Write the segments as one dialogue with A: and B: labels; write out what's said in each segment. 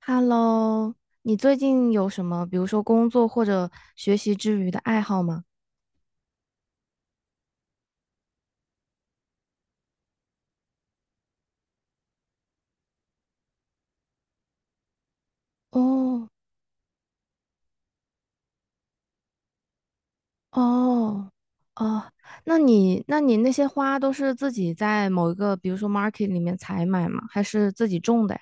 A: Hello，你最近有什么，比如说工作或者学习之余的爱好吗？哦哦哦，那你那些花都是自己在某一个，比如说 market 里面采买吗？还是自己种的呀？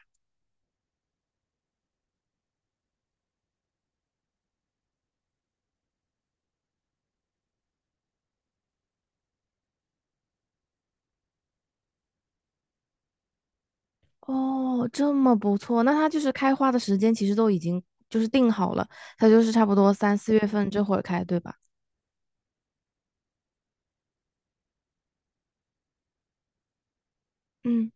A: 哦，这么不错，那它就是开花的时间其实都已经就是定好了，它就是差不多三四月份这会儿开，对吧？嗯。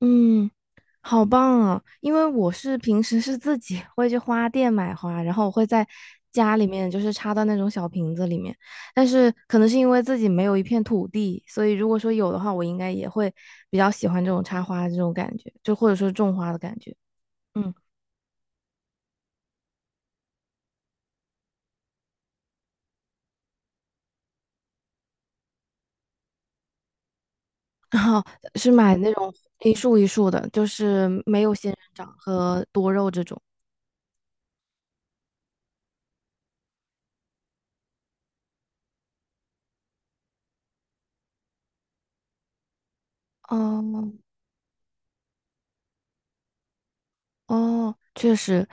A: 嗯，好棒啊！因为我是平时是自己会去花店买花，然后我会在家里面就是插到那种小瓶子里面，但是可能是因为自己没有一片土地，所以如果说有的话，我应该也会比较喜欢这种插花的这种感觉，就或者说种花的感觉。嗯，然后是买那种一束一束的，就是没有仙人掌和多肉这种。哦，哦，确实，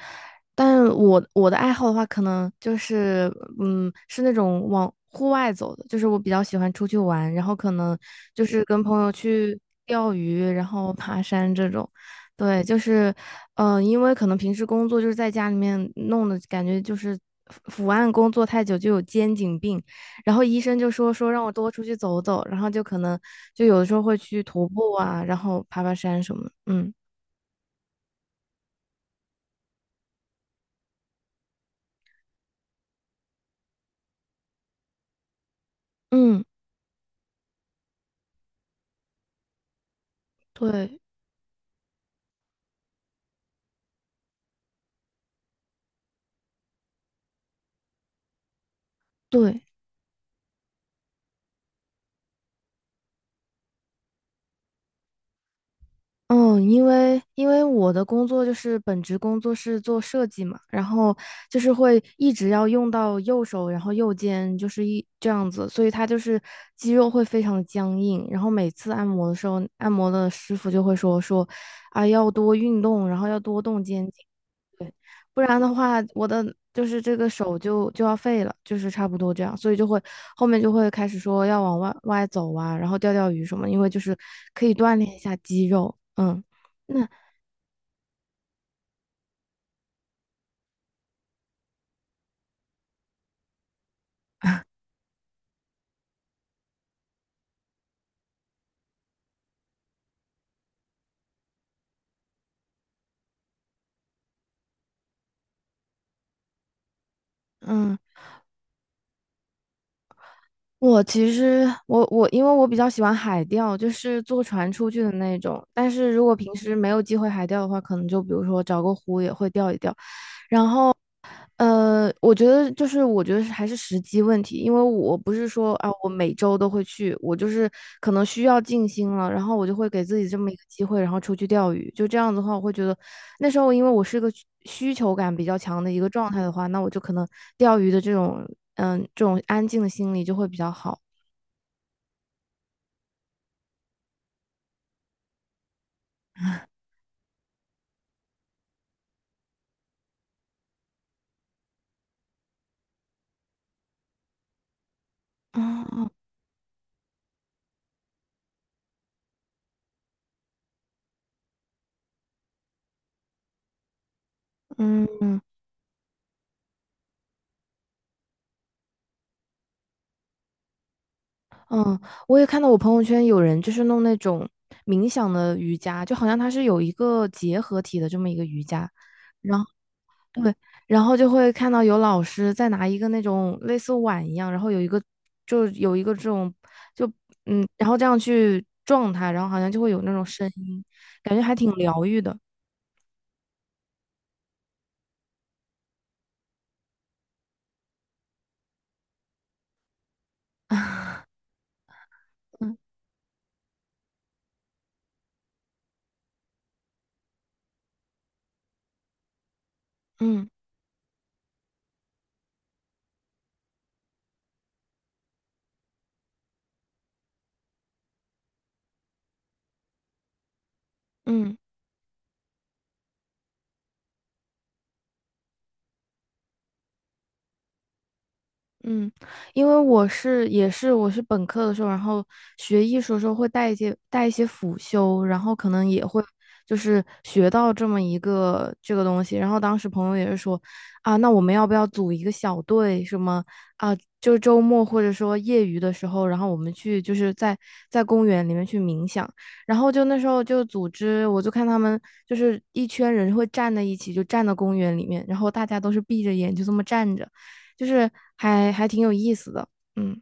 A: 但是我的爱好的话，可能就是，嗯，是那种往户外走的，就是我比较喜欢出去玩，然后可能就是跟朋友去钓鱼，然后爬山这种。对，就是，嗯、因为可能平时工作就是在家里面弄的，感觉就是伏案工作太久就有肩颈病，然后医生就说让我多出去走走，然后就可能就有的时候会去徒步啊，然后爬爬山什么的。嗯，嗯，对。对，嗯，因为因为我的工作就是本职工作是做设计嘛，然后就是会一直要用到右手，然后右肩就是一这样子，所以它就是肌肉会非常的僵硬。然后每次按摩的时候，按摩的师傅就会说啊要多运动，然后要多动肩颈。不然的话，我的就是这个手就要废了，就是差不多这样，所以就会后面就会开始说要往外走啊，然后钓钓鱼什么，因为就是可以锻炼一下肌肉。嗯，那嗯，我其实我因为我比较喜欢海钓，就是坐船出去的那种，但是如果平时没有机会海钓的话，可能就比如说找个湖也会钓一钓。然后。我觉得就是，我觉得是还是时机问题，因为我不是说啊，我每周都会去，我就是可能需要静心了，然后我就会给自己这么一个机会，然后出去钓鱼。就这样子的话，我会觉得那时候因为我是个需求感比较强的一个状态的话，那我就可能钓鱼的这种嗯这种安静的心理就会比较好。啊，嗯嗯嗯，嗯，我也看到我朋友圈有人就是弄那种冥想的瑜伽，就好像它是有一个结合体的这么一个瑜伽。然后。对，然后就会看到有老师在拿一个那种类似碗一样，然后有一个就有一个这种就嗯，然后这样去撞它，然后好像就会有那种声音，感觉还挺疗愈的。嗯嗯。嗯，因为我是也是我是本科的时候，然后学艺术的时候会带一些带一些辅修，然后可能也会就是学到这么一个这个东西。然后当时朋友也是说，啊，那我们要不要组一个小队什么啊？就周末或者说业余的时候，然后我们去就是在在公园里面去冥想。然后就那时候就组织，我就看他们就是一圈人会站在一起，就站到公园里面，然后大家都是闭着眼就这么站着。就是还挺有意思的。嗯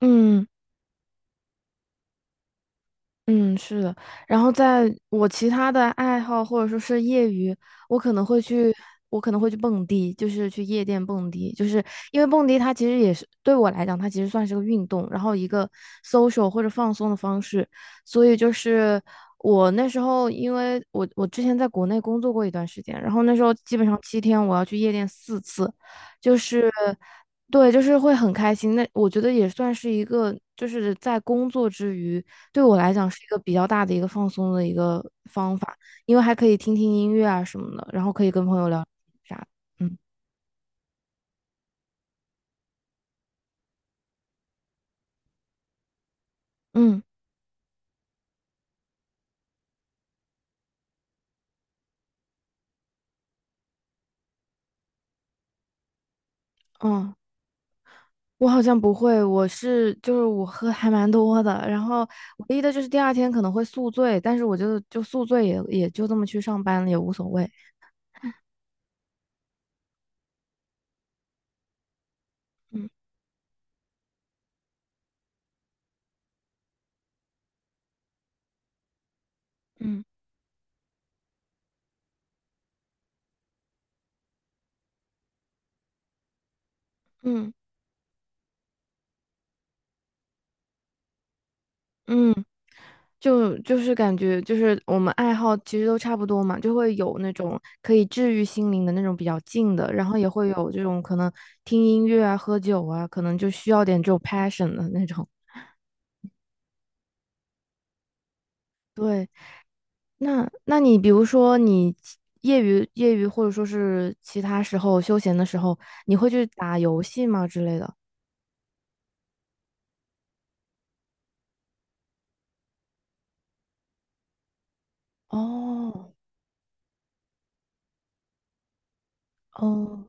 A: 嗯嗯，是的。然后在我其他的爱好或者说是业余，我可能会去，我可能会去蹦迪，就是去夜店蹦迪，就是因为蹦迪它其实也是对我来讲，它其实算是个运动，然后一个 social 或者放松的方式，所以就是。我那时候，因为我之前在国内工作过一段时间，然后那时候基本上七天我要去夜店四次，就是对，就是会很开心。那我觉得也算是一个，就是在工作之余，对我来讲是一个比较大的一个放松的一个方法，因为还可以听听音乐啊什么的，然后可以跟朋友聊啥的。嗯嗯嗯，我好像不会，我是就是我喝还蛮多的，然后唯一的就是第二天可能会宿醉，但是我就宿醉也也就这么去上班了，也无所谓。嗯嗯嗯嗯。就是感觉就是我们爱好其实都差不多嘛，就会有那种可以治愈心灵的那种比较静的，然后也会有这种可能听音乐啊、喝酒啊，可能就需要点这种 passion 的那种。对，那你比如说你其业余业余或者说是其他时候休闲的时候，你会去打游戏吗之类的？哦哦，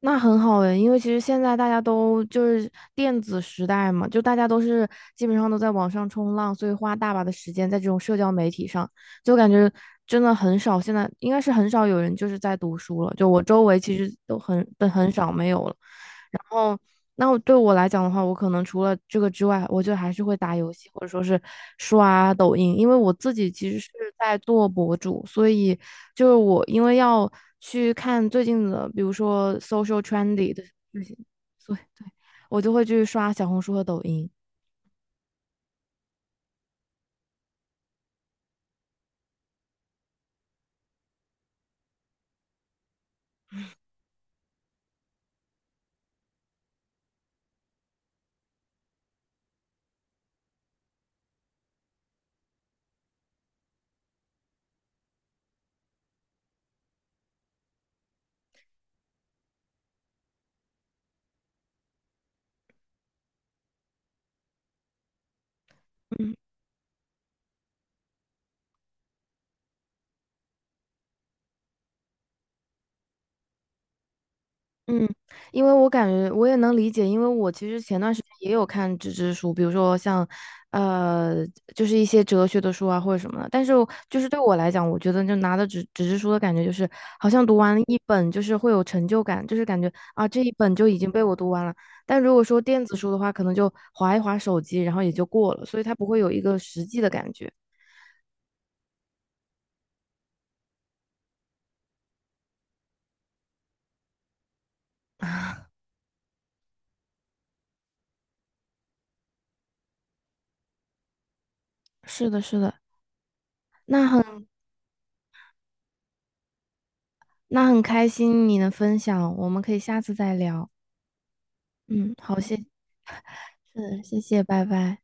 A: 那很好诶，因为其实现在大家都就是电子时代嘛，就大家都是基本上都在网上冲浪，所以花大把的时间在这种社交媒体上，就感觉真的很少。现在应该是很少有人就是在读书了，就我周围其实都很少没有了。哦，那我对我来讲的话，我可能除了这个之外，我就还是会打游戏，或者说是刷抖音，因为我自己其实是在做博主，所以就是我因为要去看最近的，比如说 social trendy 的事情，所以对我就会去刷小红书和抖音。嗯。嗯，因为我感觉我也能理解，因为我其实前段时间也有看纸质书，比如说像，呃，就是一些哲学的书啊或者什么的。但是我就是对我来讲，我觉得就拿的纸质书的感觉就是，好像读完了一本，就是会有成就感，就是感觉啊这一本就已经被我读完了。但如果说电子书的话，可能就划一划手机，然后也就过了，所以它不会有一个实际的感觉。是的，是的，那很那很开心你能分享，我们可以下次再聊。嗯，好，谢谢。是，谢谢，拜拜。